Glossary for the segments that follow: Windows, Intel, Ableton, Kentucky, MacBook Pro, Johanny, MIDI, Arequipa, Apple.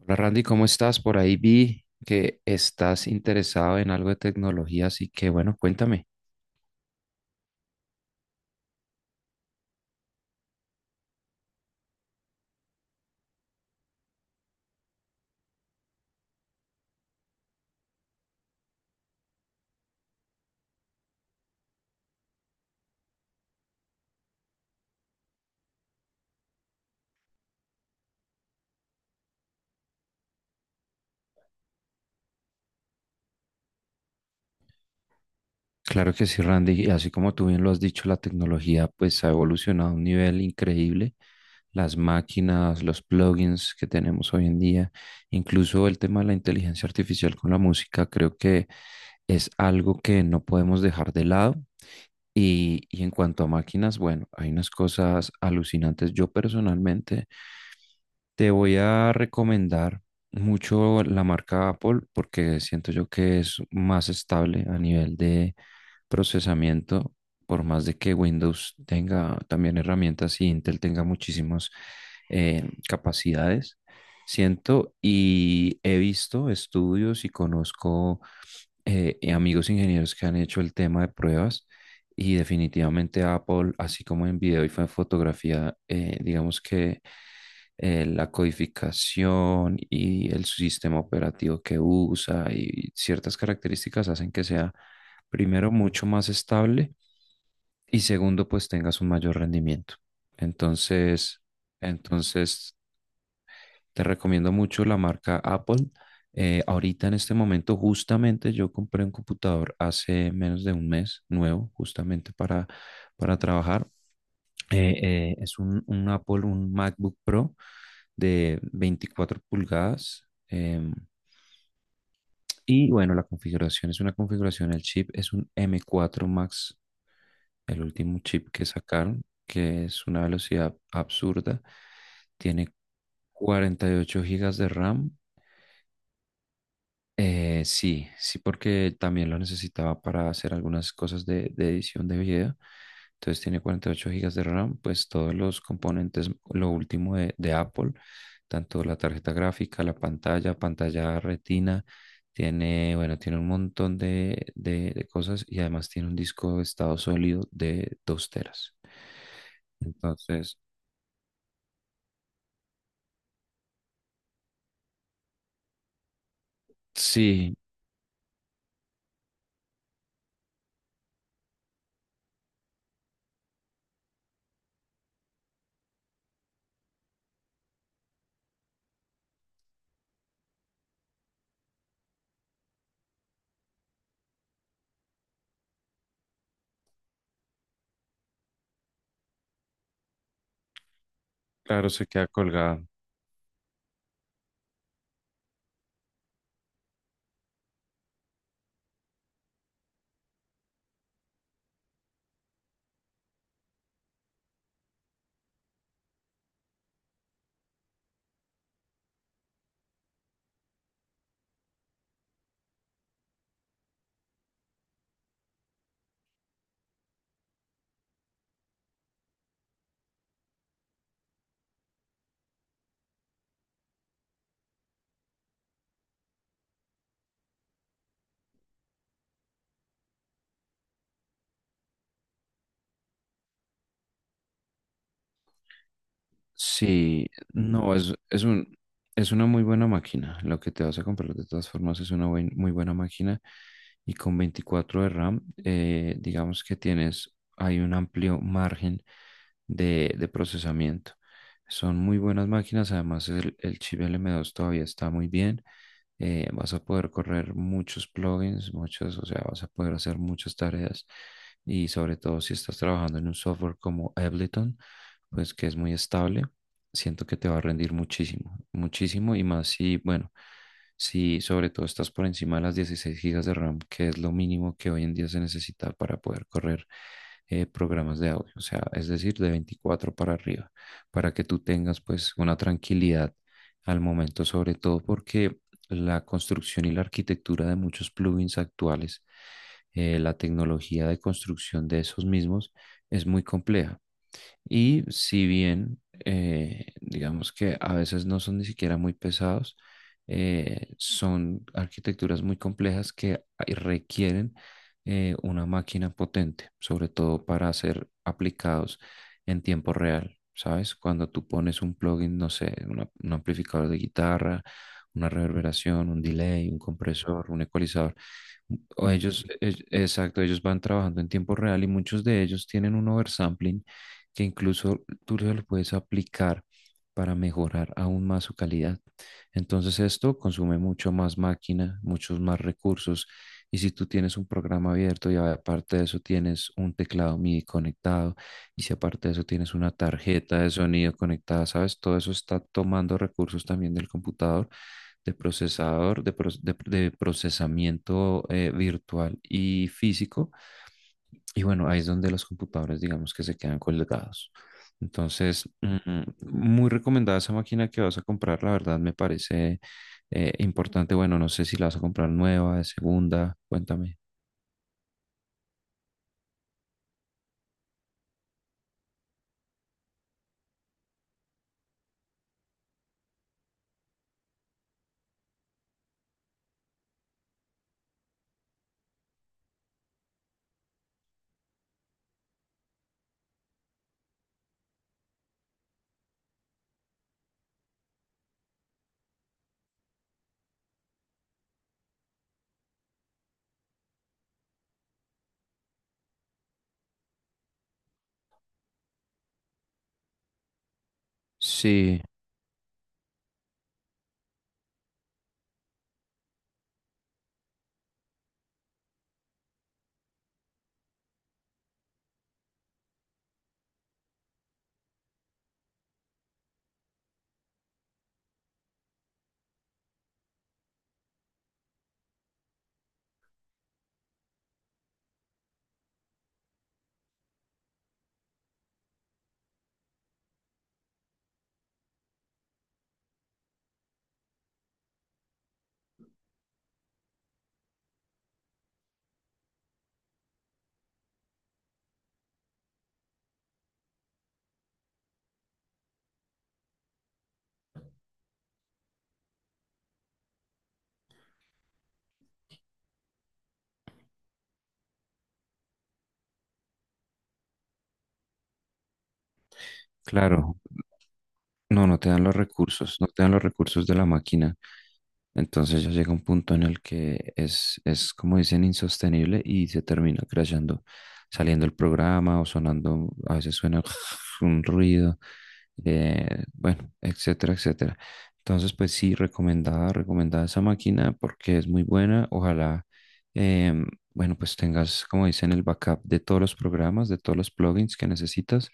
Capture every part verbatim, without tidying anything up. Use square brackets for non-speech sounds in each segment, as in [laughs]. Hola Randy, ¿cómo estás? Por ahí vi que estás interesado en algo de tecnología, así que bueno, cuéntame. Claro que sí, Randy, y así como tú bien lo has dicho, la tecnología pues ha evolucionado a un nivel increíble. Las máquinas, los plugins que tenemos hoy en día, incluso el tema de la inteligencia artificial con la música, creo que es algo que no podemos dejar de lado. Y, y en cuanto a máquinas, bueno, hay unas cosas alucinantes. Yo personalmente te voy a recomendar mucho la marca Apple porque siento yo que es más estable a nivel de procesamiento, por más de que Windows tenga también herramientas y Intel tenga muchísimas eh, capacidades. Siento y he visto estudios y conozco eh, amigos ingenieros que han hecho el tema de pruebas y definitivamente Apple, así como en video y fo- fotografía, eh, digamos que eh, la codificación y el sistema operativo que usa y ciertas características hacen que sea, primero, mucho más estable y segundo, pues tengas un mayor rendimiento. Entonces, entonces te recomiendo mucho la marca Apple. Eh, ahorita en este momento, justamente yo compré un computador hace menos de un mes nuevo, justamente para, para trabajar eh, eh, es un, un Apple, un MacBook Pro de veinticuatro pulgadas. Em, y bueno, la configuración es una configuración, el chip es un m cuatro Max, el último chip que sacaron, que es una velocidad absurda. Tiene cuarenta y ocho gigas de RAM. Eh, sí, sí, porque también lo necesitaba para hacer algunas cosas de, de edición de video. Entonces tiene cuarenta y ocho gigas de RAM, pues todos los componentes, lo último de, de Apple, tanto la tarjeta gráfica, la pantalla, pantalla retina, tiene, bueno, tiene un montón de, de- de cosas y además tiene un disco de estado sólido de dos teras. Entonces, sí, claro, se queda colgado. Sí, no, es, es un, es una muy buena máquina. Lo que te vas a comprar de todas formas es una buen- muy buena máquina. Y con veinticuatro de RAM, eh, digamos que tienes, hay un amplio margen de, de procesamiento. Son muy buenas máquinas. Además, el, el chip L m dos todavía está muy bien. Eh, vas a poder correr muchos plugins, muchos, o sea, vas a poder hacer muchas tareas. Y sobre todo si estás trabajando en un software como Ableton pues que es muy estable, siento que te va a rendir muchísimo, muchísimo y más si, bueno, si sobre todo estás por encima de las dieciséis gigas de RAM, que es lo mínimo que hoy en día se necesita para poder correr eh, programas de audio, o sea, es decir, de veinticuatro para arriba, para que tú tengas pues una tranquilidad al momento, sobre todo porque la construcción y la arquitectura de muchos plugins actuales, eh, la tecnología de construcción de esos mismos es muy compleja. Y si bien, eh, digamos que a veces no son ni siquiera muy pesados, eh, son arquitecturas muy complejas que ay- requieren eh, una máquina potente, sobre todo para ser aplicados en tiempo real, ¿sabes? Cuando tú pones un plugin, no sé, una- un amplificador de guitarra, una reverberación, un delay, un compresor, un ecualizador, o ellos, e- exacto, ellos van trabajando en tiempo real y muchos de ellos tienen un oversampling que incluso tú lo puedes aplicar para mejorar aún más su calidad. Entonces esto consume mucho más máquina, muchos más recursos. Y si tú tienes un programa abierto y aparte de eso tienes un teclado MIDI conectado y si aparte de eso tienes una tarjeta de sonido conectada, ¿sabes? Todo eso está tomando recursos también del computador, de procesador, de, pro- de- de procesamiento eh, virtual y físico y bueno, ahí es donde los computadores, digamos que se quedan colgados. Entonces, mm, muy recomendada esa máquina que vas a comprar, la verdad me parece eh, importante. Bueno, no sé si la vas a comprar nueva, de segunda, cuéntame. Sí, claro. No, no te dan los recursos, no te dan los recursos de la máquina. Entonces ya llega un punto en el que es, es como dicen, insostenible y se termina crashando, saliendo el programa o sonando, a veces suena [laughs] un ruido, eh, bueno, etcétera, etcétera. Entonces, pues sí, recomendada, recomendada esa máquina porque es muy buena. Ojalá, em, bueno, pues tengas, como dicen, el backup de todos los programas, de todos los plugins que necesitas,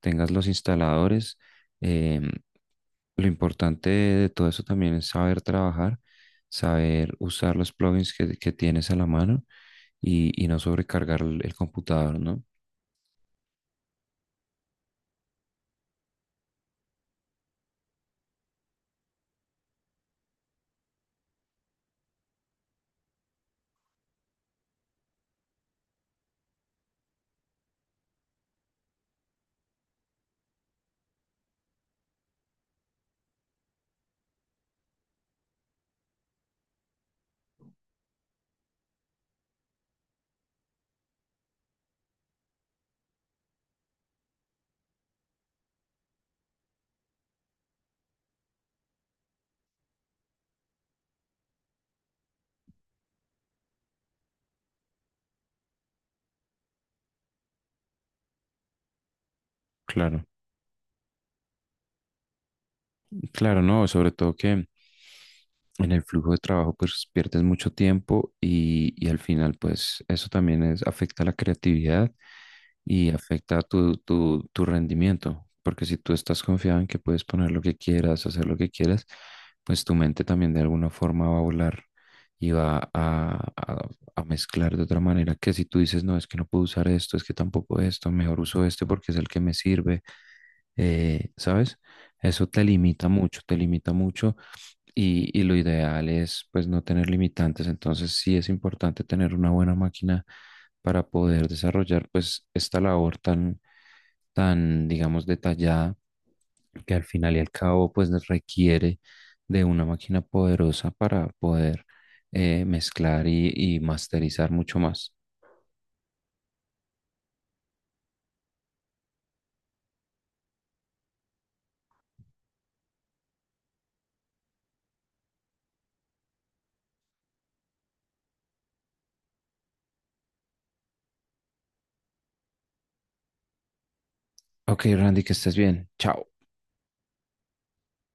tengas los instaladores. Em, lo importante de todo eso también es saber trabajar, saber usar los plugins que, que tienes a la mano y, y no sobrecargar el, el computador, ¿no? Claro, claro, no, sobre todo que en el flujo de trabajo pues pierdes mucho tiempo y, y al final pues eso también es, afecta la creatividad y afecta tu, tu, tu rendimiento, porque si tú estás confiado en que puedes poner lo que quieras, hacer lo que quieras, pues tu mente también de alguna forma va a volar y va a, a- a mezclar de otra manera que si tú dices, no, es que no puedo usar esto, es que tampoco esto, mejor uso este porque es el que me sirve, eh, ¿sabes? Eso te limita mucho, te limita mucho y, y lo ideal es pues no tener limitantes, entonces sí es importante tener una buena máquina para poder desarrollar pues esta labor tan, tan digamos detallada que al final y al cabo pues nos requiere de una máquina poderosa para poder eh, mezclar y, y masterizar mucho más. Ok, Randy, que estés bien. Chao.